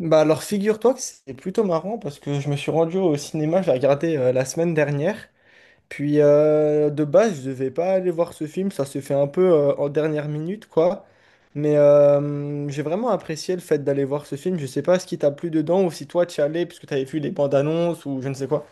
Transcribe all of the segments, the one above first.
Bah alors figure-toi que c'est plutôt marrant parce que je me suis rendu au cinéma, je l'ai regardé la semaine dernière. Puis de base, je devais pas aller voir ce film, ça s'est fait un peu en dernière minute quoi. Mais j'ai vraiment apprécié le fait d'aller voir ce film. Je sais pas ce qui t'a plu dedans ou si toi tu y allais parce que t'avais vu les bandes annonces ou je ne sais quoi.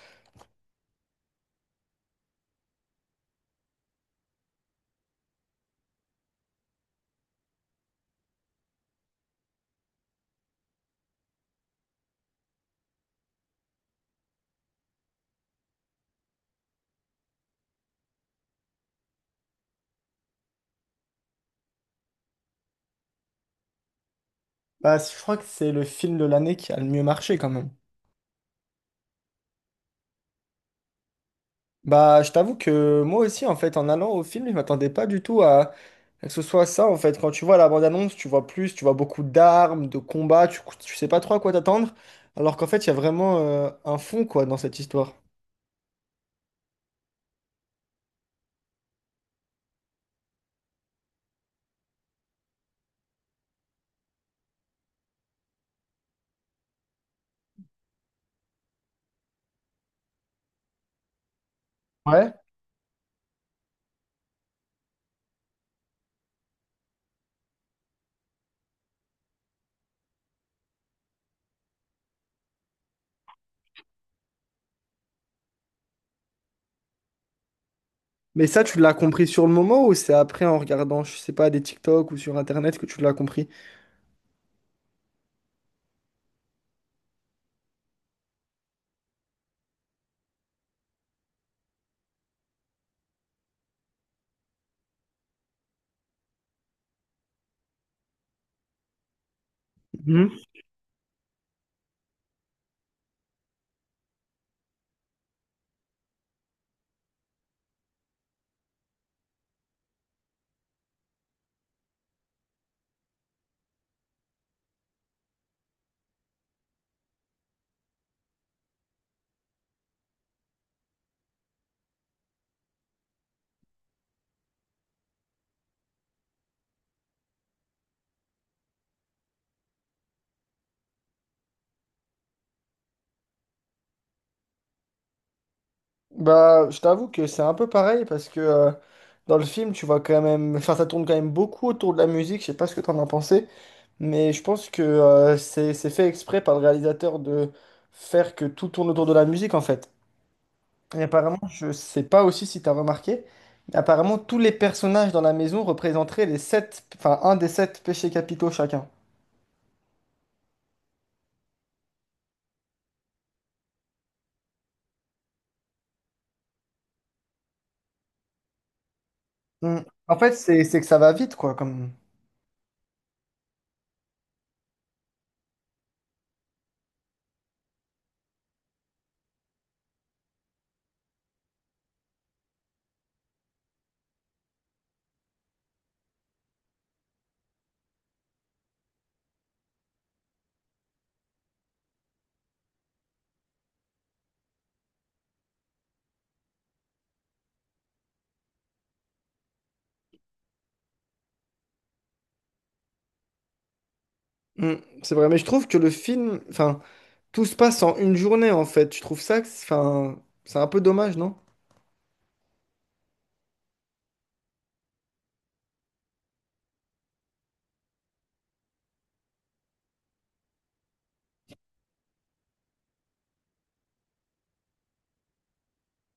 Bah je crois que c'est le film de l'année qui a le mieux marché quand même. Bah je t'avoue que moi aussi en fait en allant au film, je m'attendais pas du tout à que ce soit ça. En fait, quand tu vois la bande-annonce, tu vois plus, tu vois beaucoup d'armes, de combats, tu sais pas trop à quoi t'attendre, alors qu'en fait, il y a vraiment un fond, quoi, dans cette histoire. Ouais. Mais ça, tu l'as compris sur le moment ou c'est après en regardant, je sais pas, des TikTok ou sur Internet que tu l'as compris? Mhm. Bah, je t'avoue que c'est un peu pareil parce que dans le film, tu vois quand même, enfin, ça tourne quand même beaucoup autour de la musique. Je sais pas ce que t'en as pensé, mais je pense que c'est fait exprès par le réalisateur de faire que tout tourne autour de la musique en fait. Et apparemment, je sais pas aussi si tu as remarqué, mais apparemment tous les personnages dans la maison représenteraient les sept, enfin un des sept péchés capitaux chacun. Mm. En fait, c'est que ça va vite, quoi, comme. Mm, c'est vrai, mais je trouve que le film, enfin, tout se passe en une journée, en fait. Je trouve ça, enfin, c'est un peu dommage, non?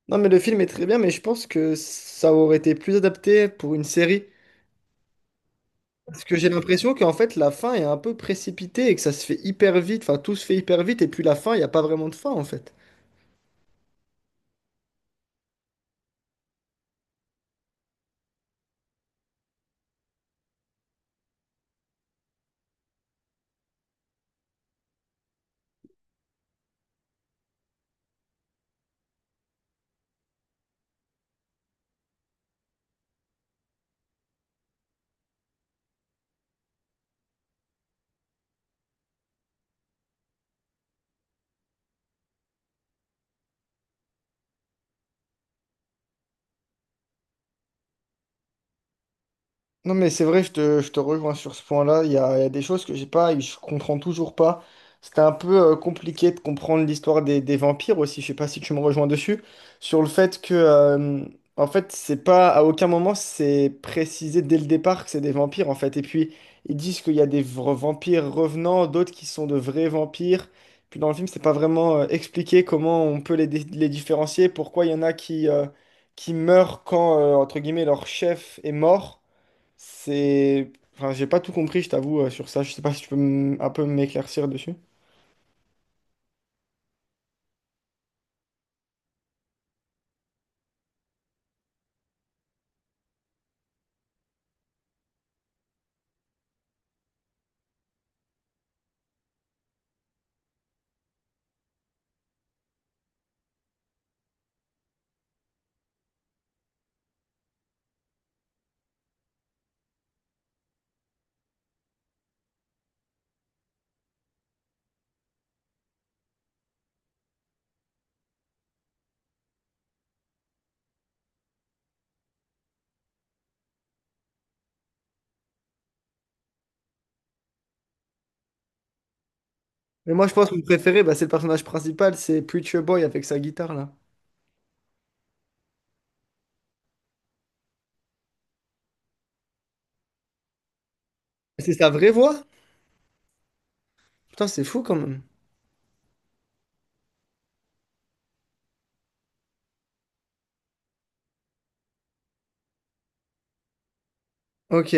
Non, mais le film est très bien, mais je pense que ça aurait été plus adapté pour une série. Parce que j'ai l'impression qu'en fait, la fin est un peu précipitée et que ça se fait hyper vite, enfin, tout se fait hyper vite, et puis la fin, il n'y a pas vraiment de fin, en fait. Non, mais c'est vrai, je te rejoins sur ce point-là. Il y a des choses que j'ai pas et je comprends toujours pas. C'était un peu compliqué de comprendre l'histoire des vampires aussi. Je sais pas si tu me rejoins dessus. Sur le fait que, en fait, c'est pas, à aucun moment, c'est précisé dès le départ que c'est des vampires, en fait. Et puis, ils disent qu'il y a vampires revenants, d'autres qui sont de vrais vampires. Puis dans le film, c'est pas vraiment expliqué comment on peut les différencier, pourquoi il y en a qui meurent quand, entre guillemets, leur chef est mort. C'est… Enfin, j'ai pas tout compris, je t'avoue, sur ça. Je sais pas si tu peux un peu m'éclaircir dessus. Mais moi, je pense que mon préféré, bah, c'est le personnage principal, c'est Preacher Boy avec sa guitare là. C'est sa vraie voix? Putain, c'est fou quand même. Ok.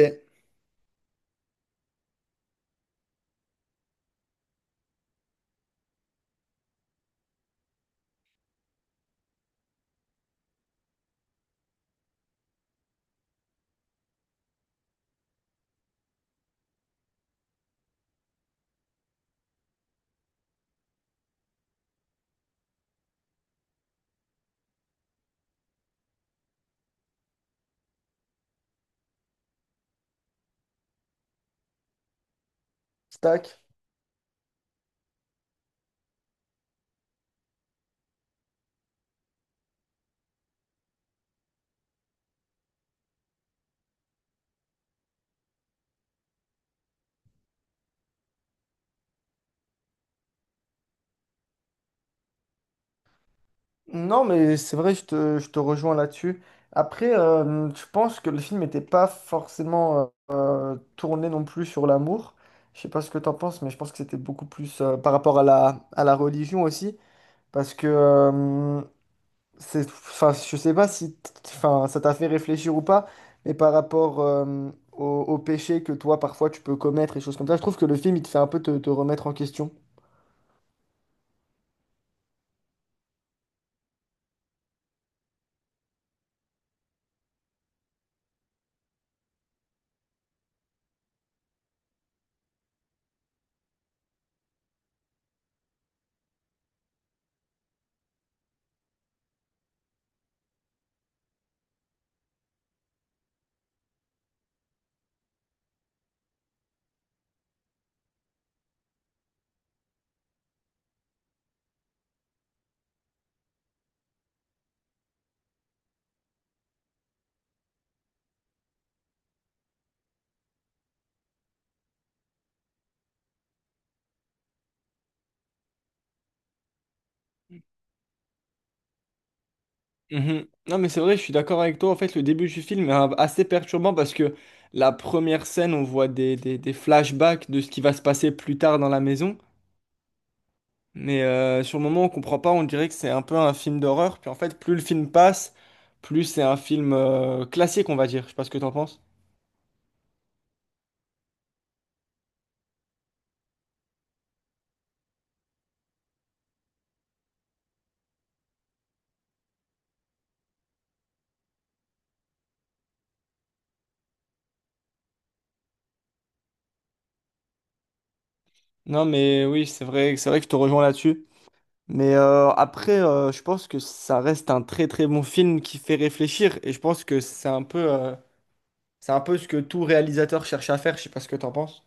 Stack. Non, mais c'est vrai, je te rejoins là-dessus. Après, je pense que le film n'était pas forcément tourné non plus sur l'amour. Je sais pas ce que t'en penses, mais je pense que c'était beaucoup plus par rapport à à la religion aussi. Parce que c'est, enfin, je sais pas si, enfin, ça t'a fait réfléchir ou pas, mais par rapport au péché que toi, parfois, tu peux commettre et choses comme ça, je trouve que le film, il te fait un peu te remettre en question. Mhm. Non, mais c'est vrai, je suis d'accord avec toi. En fait, le début du film est assez perturbant parce que la première scène, on voit des flashbacks de ce qui va se passer plus tard dans la maison. Mais sur le moment, on comprend pas, on dirait que c'est un peu un film d'horreur. Puis en fait, plus le film passe, plus c'est un film classique, on va dire. Je sais pas ce que t'en penses. Non, mais oui, c'est vrai que je te rejoins là-dessus. Mais après, je pense que ça reste un très très bon film qui fait réfléchir. Et je pense que c'est un peu ce que tout réalisateur cherche à faire. Je sais pas ce que t'en penses.